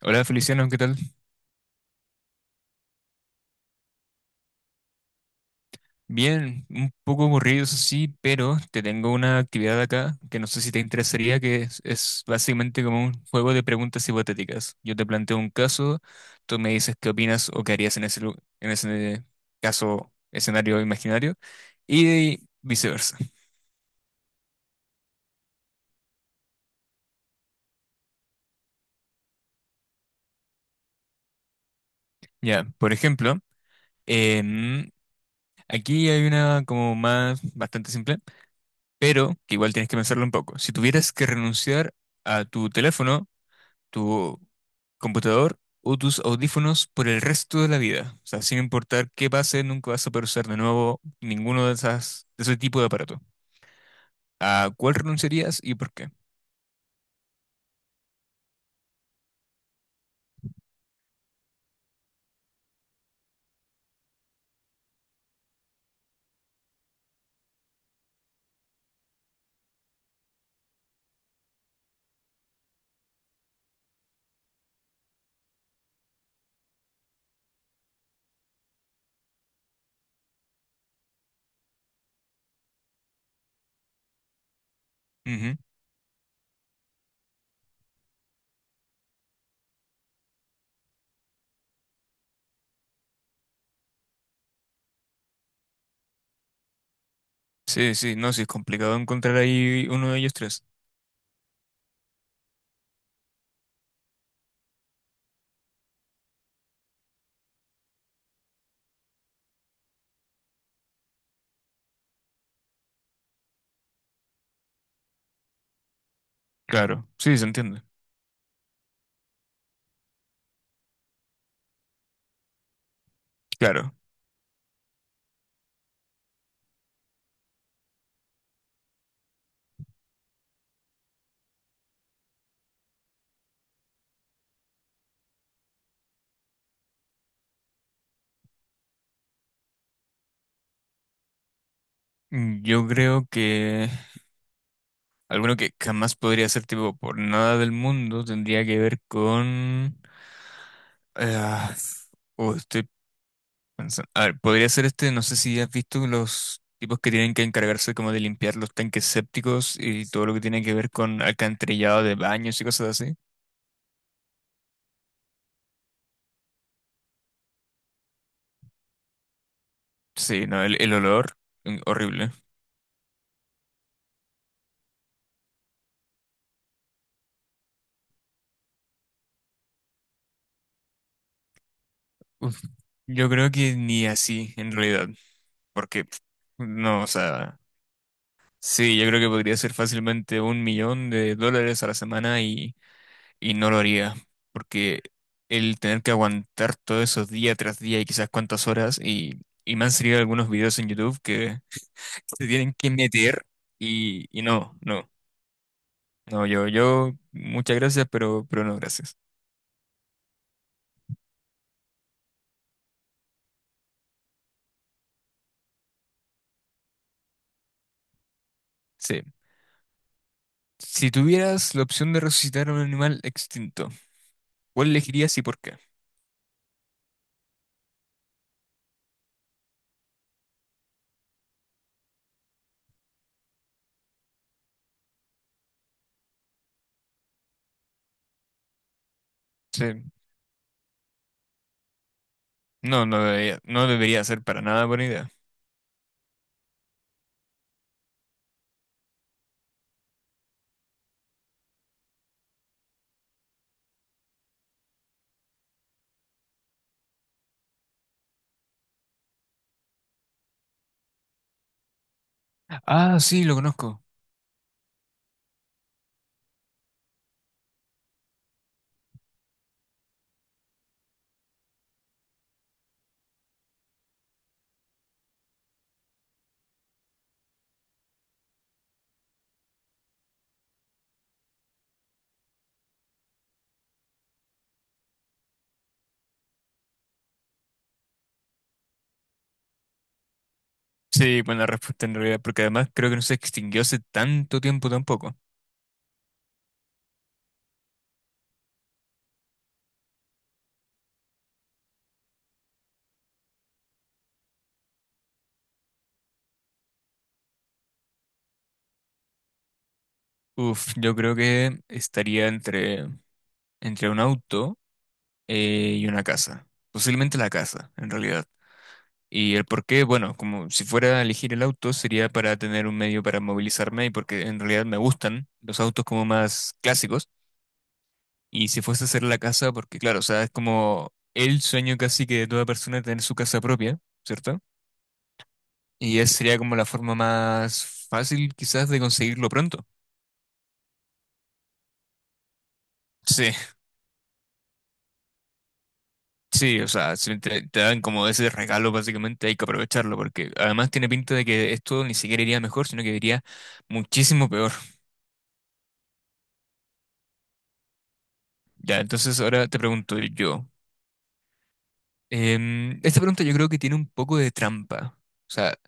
Hola Feliciano, ¿qué tal? Bien, un poco aburrido eso sí, pero te tengo una actividad acá que no sé si te interesaría, que es básicamente como un juego de preguntas hipotéticas. Yo te planteo un caso, tú me dices qué opinas o qué harías en ese caso, escenario imaginario, y viceversa. Ya, por ejemplo, em, aquí hay una como más bastante simple, pero que igual tienes que pensarlo un poco. Si tuvieras que renunciar a tu teléfono, tu computador o tus audífonos por el resto de la vida. O sea, sin importar qué pase, nunca vas a poder usar de nuevo de ese tipo de aparato. ¿A cuál renunciarías y por qué? Ujú. Sí, sí, no, sí, es complicado encontrar ahí uno de ellos tres. Claro, sí, se entiende. Claro. Mm, yo creo que alguno que jamás podría ser tipo por nada del mundo tendría que ver con... ah, oh, estoy pensa- A ver, podría ser este, no sé si has visto los tipos que tienen que encargarse como de limpiar los tanques sépticos y todo lo que tiene que ver con alcantarillado de baños y cosas así. Sí, no, el olor, mm, horrible. Uf. Yo creo que ni así, en realidad, porque pf, no, o sea, sí, yo creo que podría ser fácilmente $1.000.000 a la semana y no lo haría, porque el tener que aguantar todo eso día tras día y quizás cuántas horas y me han salido algunos videos en YouTube que se tienen que meter y no, no, no, yo, muchas gracias, pero no, gracias. Sí. Si tuvieras la opción de resucitar a un animal extinto, ¿cuál elegirías y por qué? Sí. No, no debería, no debería ser para nada buena idea. Ah, sí, lo conozco. Sí, buena respuesta en realidad, porque además creo que no se extinguió hace tanto tiempo tampoco. Uf, yo creo que estaría entre un auto y una casa. Posiblemente la casa, en realidad. Y el por qué, bueno, como si fuera a elegir el auto, sería para tener un medio para movilizarme y porque en realidad me gustan los autos como más clásicos. Y si fuese a hacer la casa, porque claro, o sea, es como el sueño casi que de toda persona tener su casa propia, ¿cierto? Y esa sería como la forma más fácil quizás de conseguirlo pronto. Sí, sí, o sea, si te dan como ese regalo básicamente hay que aprovecharlo porque además tiene pinta de que esto ni siquiera iría mejor, sino que iría muchísimo peor. Ya, entonces ahora te pregunto yo. Esta pregunta yo creo que tiene un poco de trampa. O sea,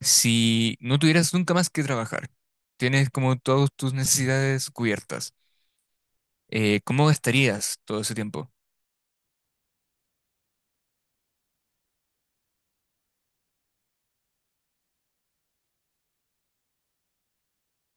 si no tuvieras nunca más que trabajar, tienes como todas tus necesidades cubiertas, ¿cómo gastarías todo ese tiempo?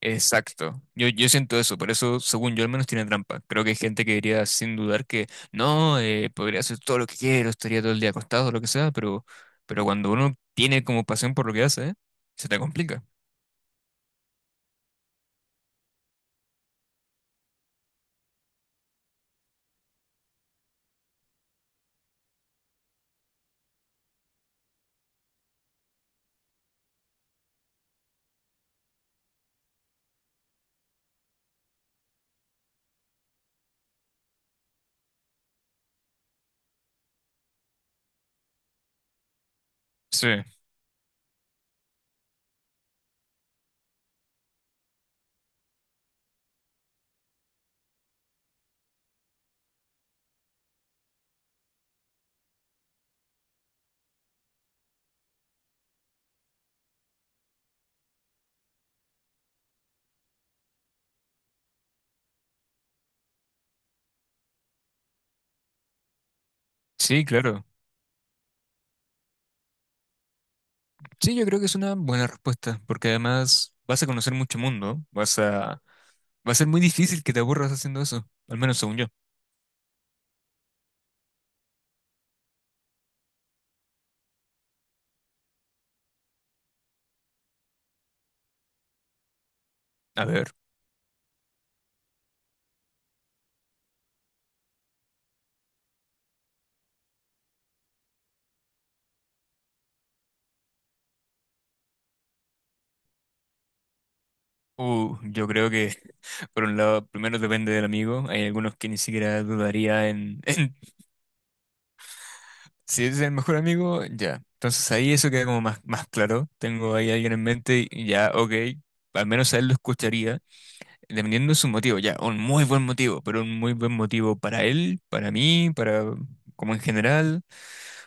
Exacto. Yo siento eso, por eso, según yo, al menos tiene trampa. Creo que hay gente que diría sin dudar que no, podría hacer todo lo que quiero, estaría todo el día acostado, lo que sea, pero cuando uno tiene como pasión por lo que hace, se te complica. Sí, sí, claro. Sí, yo creo que es una buena respuesta, porque además vas a conocer mucho mundo, vas a... Va a ser muy difícil que te aburras haciendo eso, al menos según yo. A ver, yo creo que, por un lado, primero depende del amigo, hay algunos que ni siquiera dudaría en, en si es el mejor amigo, ya. Entonces ahí eso queda como más, más claro, tengo ahí a alguien en mente y ya, ok, al menos a él lo escucharía, dependiendo de su motivo, ya, un muy buen motivo, pero un muy buen motivo para él, para mí, para... como en general.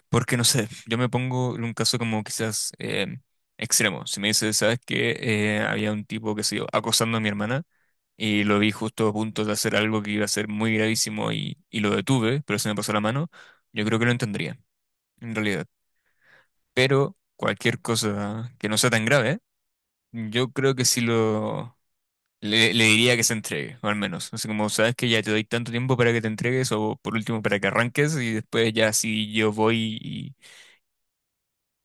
Porque no sé, yo me pongo en un caso como quizás em, extremo. Si me dices, ¿sabes qué? Había un tipo, que se yo, acosando a mi hermana y lo vi justo a punto de hacer algo que iba a ser muy gravísimo y lo detuve, pero se me pasó la mano, yo creo que lo entendería, en realidad. Pero cualquier cosa que no sea tan grave, yo creo que sí lo... Le diría que se entregue, o al menos. Así como, sabes que ya te doy tanto tiempo para que te entregues, o por último para que arranques, y después ya sí yo voy y...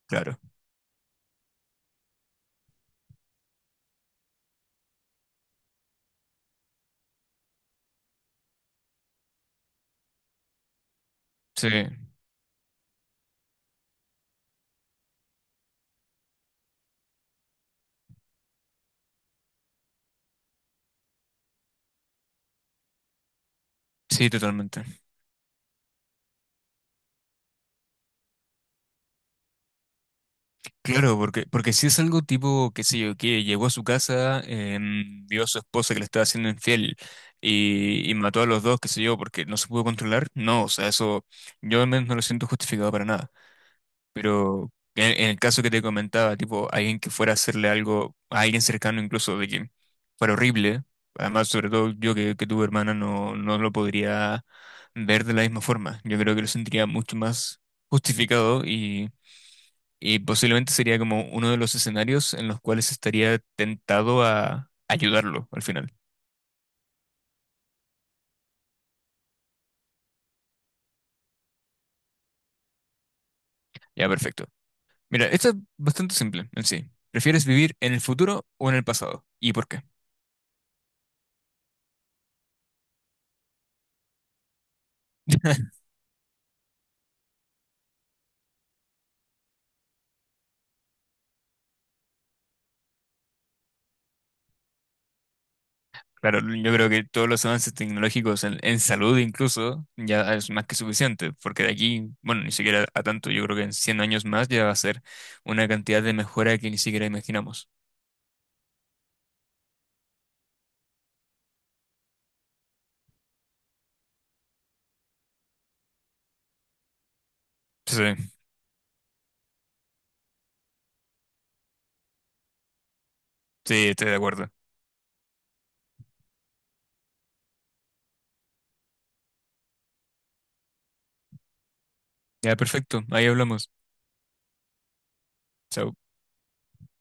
Claro. Sí. Sí, totalmente. Claro, porque si es algo tipo, qué sé yo, que llegó a su casa, em, vio a su esposa que le estaba haciendo infiel y mató a los dos, qué sé yo, porque no se pudo controlar, no, o sea, eso yo al menos no lo siento justificado para nada. Pero en el caso que te comentaba, tipo, alguien que fuera a hacerle algo a alguien cercano incluso de que fuera horrible, además, sobre todo yo que tuve hermana, no, no lo podría ver de la misma forma. Yo creo que lo sentiría mucho más justificado. Y posiblemente sería como uno de los escenarios en los cuales estaría tentado a ayudarlo al final. Ya, perfecto. Mira, esto es bastante simple en sí. ¿Prefieres vivir en el futuro o en el pasado? ¿Y por qué? Claro, yo creo que todos los avances tecnológicos en salud incluso ya es más que suficiente, porque de aquí, bueno, ni siquiera a tanto, yo creo que en 100 años más ya va a ser una cantidad de mejora que ni siquiera imaginamos. Sí, sí, estoy de acuerdo. Ya, perfecto, ahí hablamos. Chao.